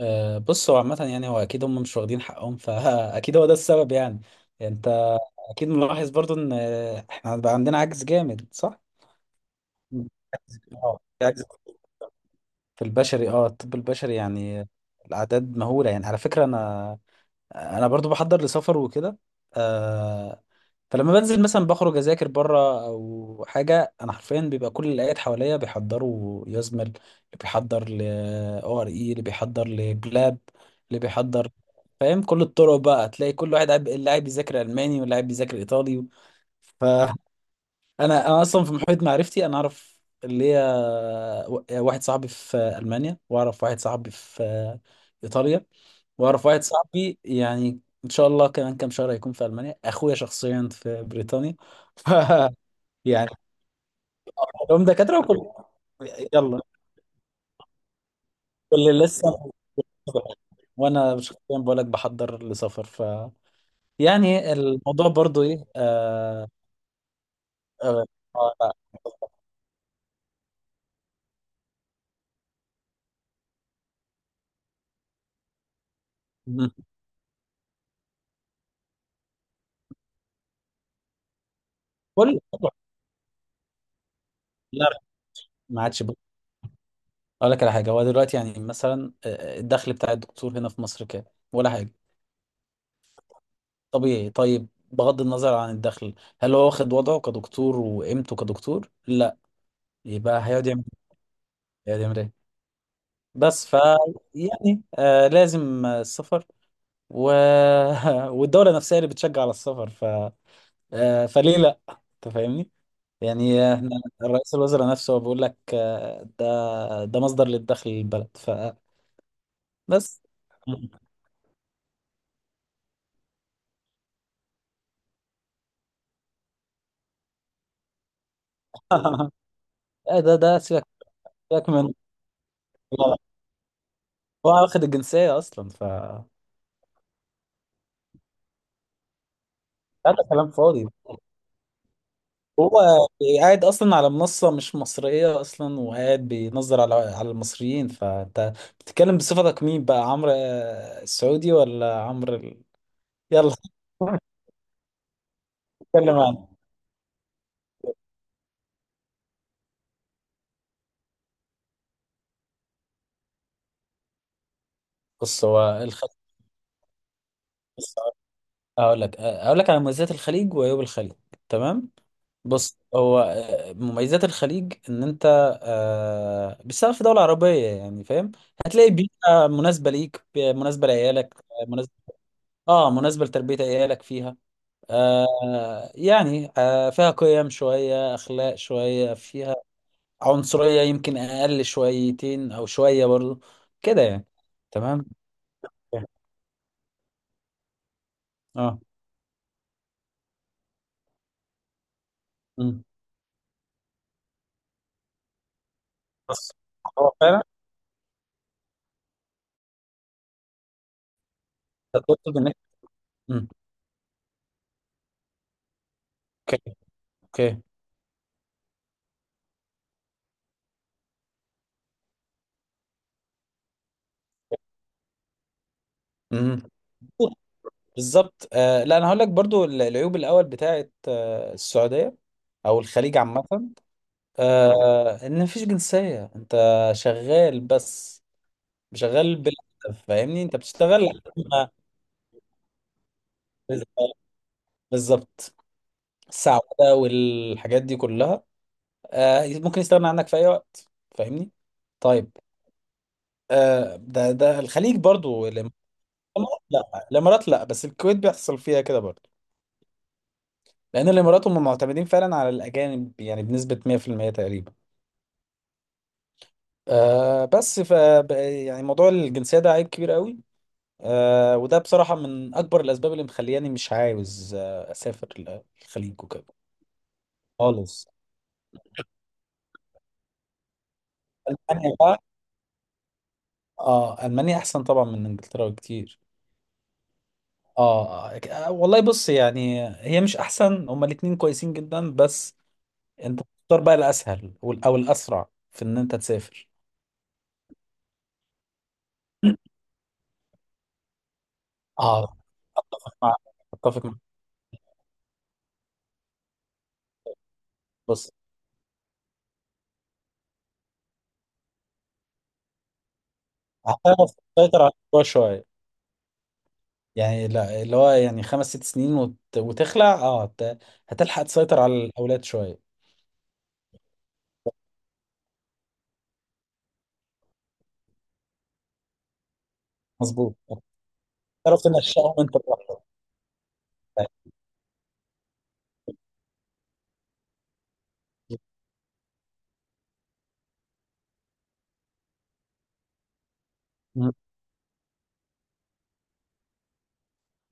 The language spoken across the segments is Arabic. بص هو عامة يعني هو أكيد هم مش واخدين حقهم فأكيد هو ده السبب يعني أنت أكيد ملاحظ برضو إن إحنا بقى عندنا عجز جامد صح؟ عجز في عجز في البشري الطب البشري يعني الأعداد مهولة يعني على فكرة أنا برضو بحضر لسفر وكده آه، فلما بنزل مثلا بخرج اذاكر بره او حاجه انا حرفيا بيبقى كل اللي قاعد حواليا بيحضروا يزمل اللي بيحضر ل او ار اي اللي بيحضر لبلاب اللي بيحضر فاهم. كل الطرق بقى تلاقي كل واحد اللي قاعد بيذاكر الماني واللي قاعد بيذاكر ايطالي. فانا انا أنا اصلا في محيط معرفتي انا اعرف اللي هي واحد صاحبي في المانيا واعرف واحد صاحبي في ايطاليا واعرف واحد صاحبي يعني ان شاء الله كمان كام شهر هيكون في المانيا اخويا شخصيا في بريطانيا. ف يعني هم دكاتره وكل يلا كل لسه وانا شخصيا بقول لك بحضر لسفر. يعني الموضوع برضو ايه آه لا. مم. كل لا ما عادش بقول لك على حاجه. هو دلوقتي يعني مثلا الدخل بتاع الدكتور هنا في مصر كام؟ ولا حاجه طبيعي. طيب بغض النظر عن الدخل، هل هو واخد وضعه كدكتور وقيمته كدكتور؟ لا، يبقى هيقعد يعمل إيه؟ هيقعد يعمل ايه بس ف يعني لازم السفر و... والدولة نفسها اللي بتشجع على السفر. ف آه فليه لا، انت فاهمني؟ يعني احنا الرئيس الوزراء نفسه هو بيقول لك ده مصدر للدخل للبلد. فبس. ده سيبك من، هو واخد الجنسية اصلا. هذا كلام فاضي. هو قاعد اصلا على منصه مش مصريه اصلا وقاعد بينظر على المصريين. فانت بتتكلم بصفتك مين بقى؟ عمرو السعودي ولا عمرو يلا. نتكلم عنه. بص هو الخليج بص، هقول لك على مميزات الخليج وعيوب الخليج، تمام؟ بص، هو مميزات الخليج ان انت بتشتغل في دوله عربيه، يعني فاهم. هتلاقي بيئه مناسبه ليك، مناسبه لعيالك، مناسبه، اه مناسبه لتربيه عيالك فيها. يعني فيها قيم شوية، أخلاق شوية، فيها عنصرية يمكن أقل شويتين أو شوية برضو، كده يعني. تمام. اه. أمم. بس هو فعلا. تقصد إنك أمم. اوكي. اوكي. أمم. بالظبط. لا أنا هقول لك برضو العيوب الأول بتاعت السعودية أو الخليج عامة. إن مفيش جنسية. أنت شغال بس شغال بلا هدف، فاهمني؟ أنت بتشتغل. بالظبط. السعودة والحاجات دي كلها ممكن يستغنى عنك في أي وقت، فاهمني؟ طيب، ده الخليج برضو، الإمارات. لا الإمارات لا، بس الكويت بيحصل فيها كده برضو. لأن الإمارات هم معتمدين فعلا على الأجانب يعني بنسبة 100% تقريبا. آه، بس ف ب- يعني موضوع الجنسية ده عيب كبير قوي. وده بصراحة من أكبر الأسباب اللي مخلياني مش عاوز أسافر الخليج وكده خالص. ألمانيا بقى، اه المانيا احسن طبعا من انجلترا بكتير. اه والله بص، يعني هي مش احسن، هما الاتنين كويسين جدا، بس انت تختار بقى الاسهل او الاسرع في ان انت تسافر. اه. مع- اتفق معاك. بص، هتعرف تسيطر على الموضوع شويه، يعني لا. اللي هو يعني خمس ست سنين وتخلع، هتلحق تسيطر على الاولاد شويه. مظبوط. تعرف تنشأهم انت براحتك. مم.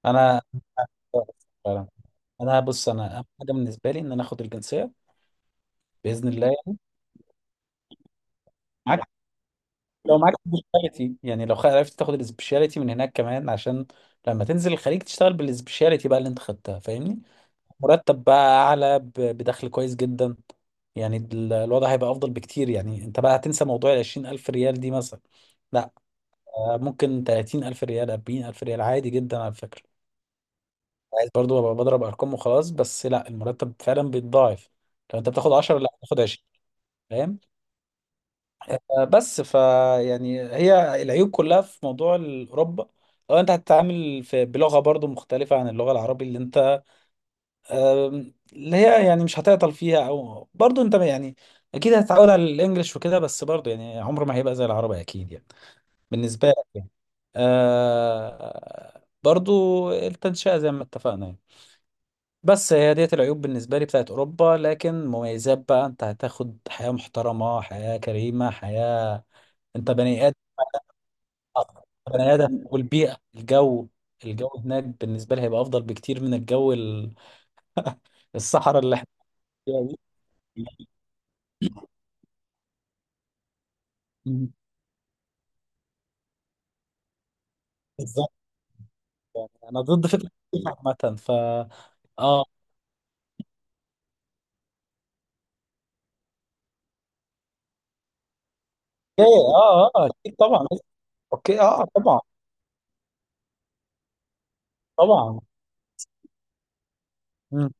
انا فعلا. انا بص، انا اهم حاجه بالنسبه لي ان انا اخد الجنسيه. باذن الله معاك، لو معاك سبيشاليتي يعني، لو عرفت تاخد السبيشاليتي من هناك كمان عشان لما تنزل الخليج تشتغل بالسبيشاليتي بقى اللي انت خدتها، فاهمني؟ مرتب بقى اعلى بدخل كويس جدا، يعني الوضع هيبقى افضل بكتير. يعني انت بقى هتنسى موضوع ال 20 الف ريال دي مثلا، لا ممكن 30 الف ريال، 40 الف ريال، عادي جدا على فكرة. عايز برضو ابقى بضرب ارقام وخلاص، بس لا، المرتب فعلا بيتضاعف. لو انت بتاخد 10 لا بتاخد 20، فاهم؟ آه، بس ف يعني هي العيوب كلها في موضوع اوروبا، لو انت هتتعامل في بلغه برضو مختلفه عن اللغه العربي اللي انت آم، اللي هي يعني مش هتعطل فيها، او برضو انت يعني اكيد هتتعود على الانجليش وكده، بس برضو يعني عمره ما هيبقى زي العربي اكيد يعني، بالنسبه لك يعني. برضو التنشئه زي ما اتفقنا يعني. بس هي ديت العيوب بالنسبه لي بتاعت اوروبا، لكن مميزات بقى، انت هتاخد حياه محترمه، حياه كريمه، انت بني ادم. بني ادم، والبيئه، الجو هناك بالنسبه لي هيبقى افضل بكتير من الجو الصحراء اللي احنا فيها دي. مم. بالظبط. يعني انا ضد فكره الصيف عامه. اه. اوكي. اه. اه. اكيد طبعا. اوكي. اه. طبعا. طبعا. مم.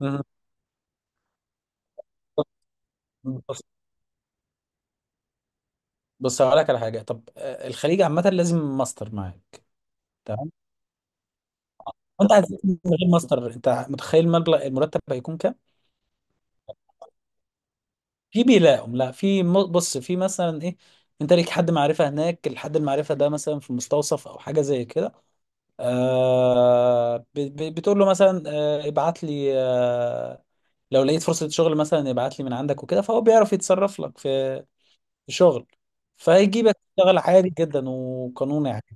مم. بص بص هقول لك على حاجه. طب الخليج عامه لازم ماستر معاك، تمام؟ وانت عايز من غير ماستر، انت متخيل مبلغ المرتب هيكون كام؟ في بيلاقوا لا في م- بص، في مثلا ايه، انت ليك حد معرفة هناك، الحد المعرفة ده مثلا في مستوصف او حاجة زي كده، بتقول له مثلا ابعت لي لو لقيت فرصة شغل، مثلا ابعت لي من عندك وكده، فهو بيعرف يتصرف لك في في شغل، فيجيبك تشتغل عادي جدا وقانوني يعني.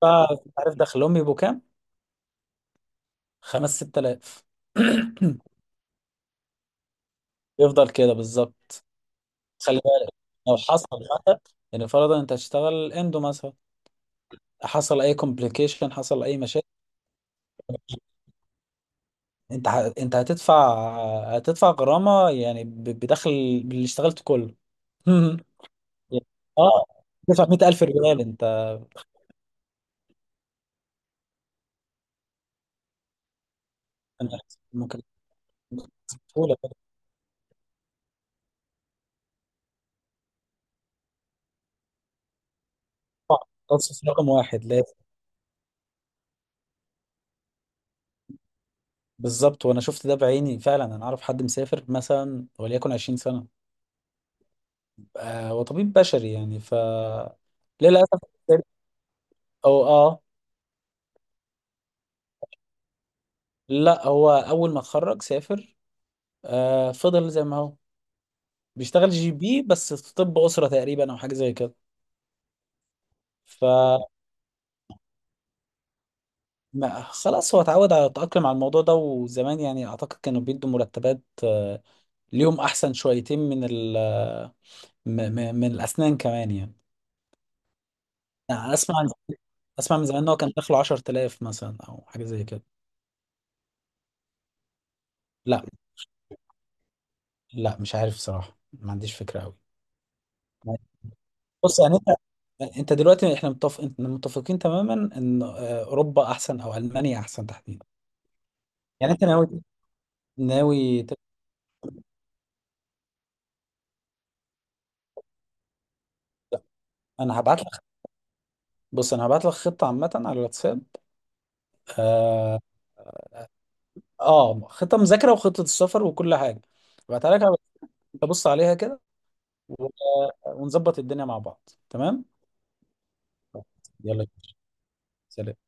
فعارف دخلهم بيبقوا كام؟ خمس ست آلاف. يفضل كده بالظبط. خلي بالك، لو حصل، حتى يعني فرضا انت هتشتغل اندو مثلا، حصل اي كومبليكيشن، حصل اي مشاكل، انت هتدفع، هتدفع غرامة يعني بدخل اللي اشتغلته كله. يعني اه تدفع 100000 ريال انت. أنت ممكن بسهولة تدفع. تخصص رقم واحد لازم. بالظبط، وانا شفت ده بعيني فعلا. انا اعرف حد مسافر مثلا وليكن 20 سنة وطبيب بشري يعني. للاسف. او اه لا، هو اول ما اتخرج سافر فضل زي ما هو بيشتغل جي بي، بس في طب أسرة تقريبا أو حاجة زي كده. ف ما- خلاص، هو اتعود على التأقلم على الموضوع ده. وزمان يعني أعتقد كانوا بيدوا مرتبات ليهم أحسن شويتين من ال آه، م- م- من الأسنان كمان يعني. أنا أسمع، أسمع من زمان إن هو كان داخله 10000 مثلا أو حاجة زي كده. لا، لا، مش عارف صراحة، ما عنديش فكرة أوي. بص يعني أنت دلوقتي احنا احنا متفقين تماما ان اوروبا احسن او المانيا احسن تحديدا. يعني انت ناوي انا هبعت لك بص، انا هبعت لك خطه عامه على الواتساب. اه، خطه مذاكره وخطه السفر وكل حاجه. هبعتها لك على- تبص عليها كده، و- ونظبط الدنيا مع بعض، تمام؟ يلا. سلام.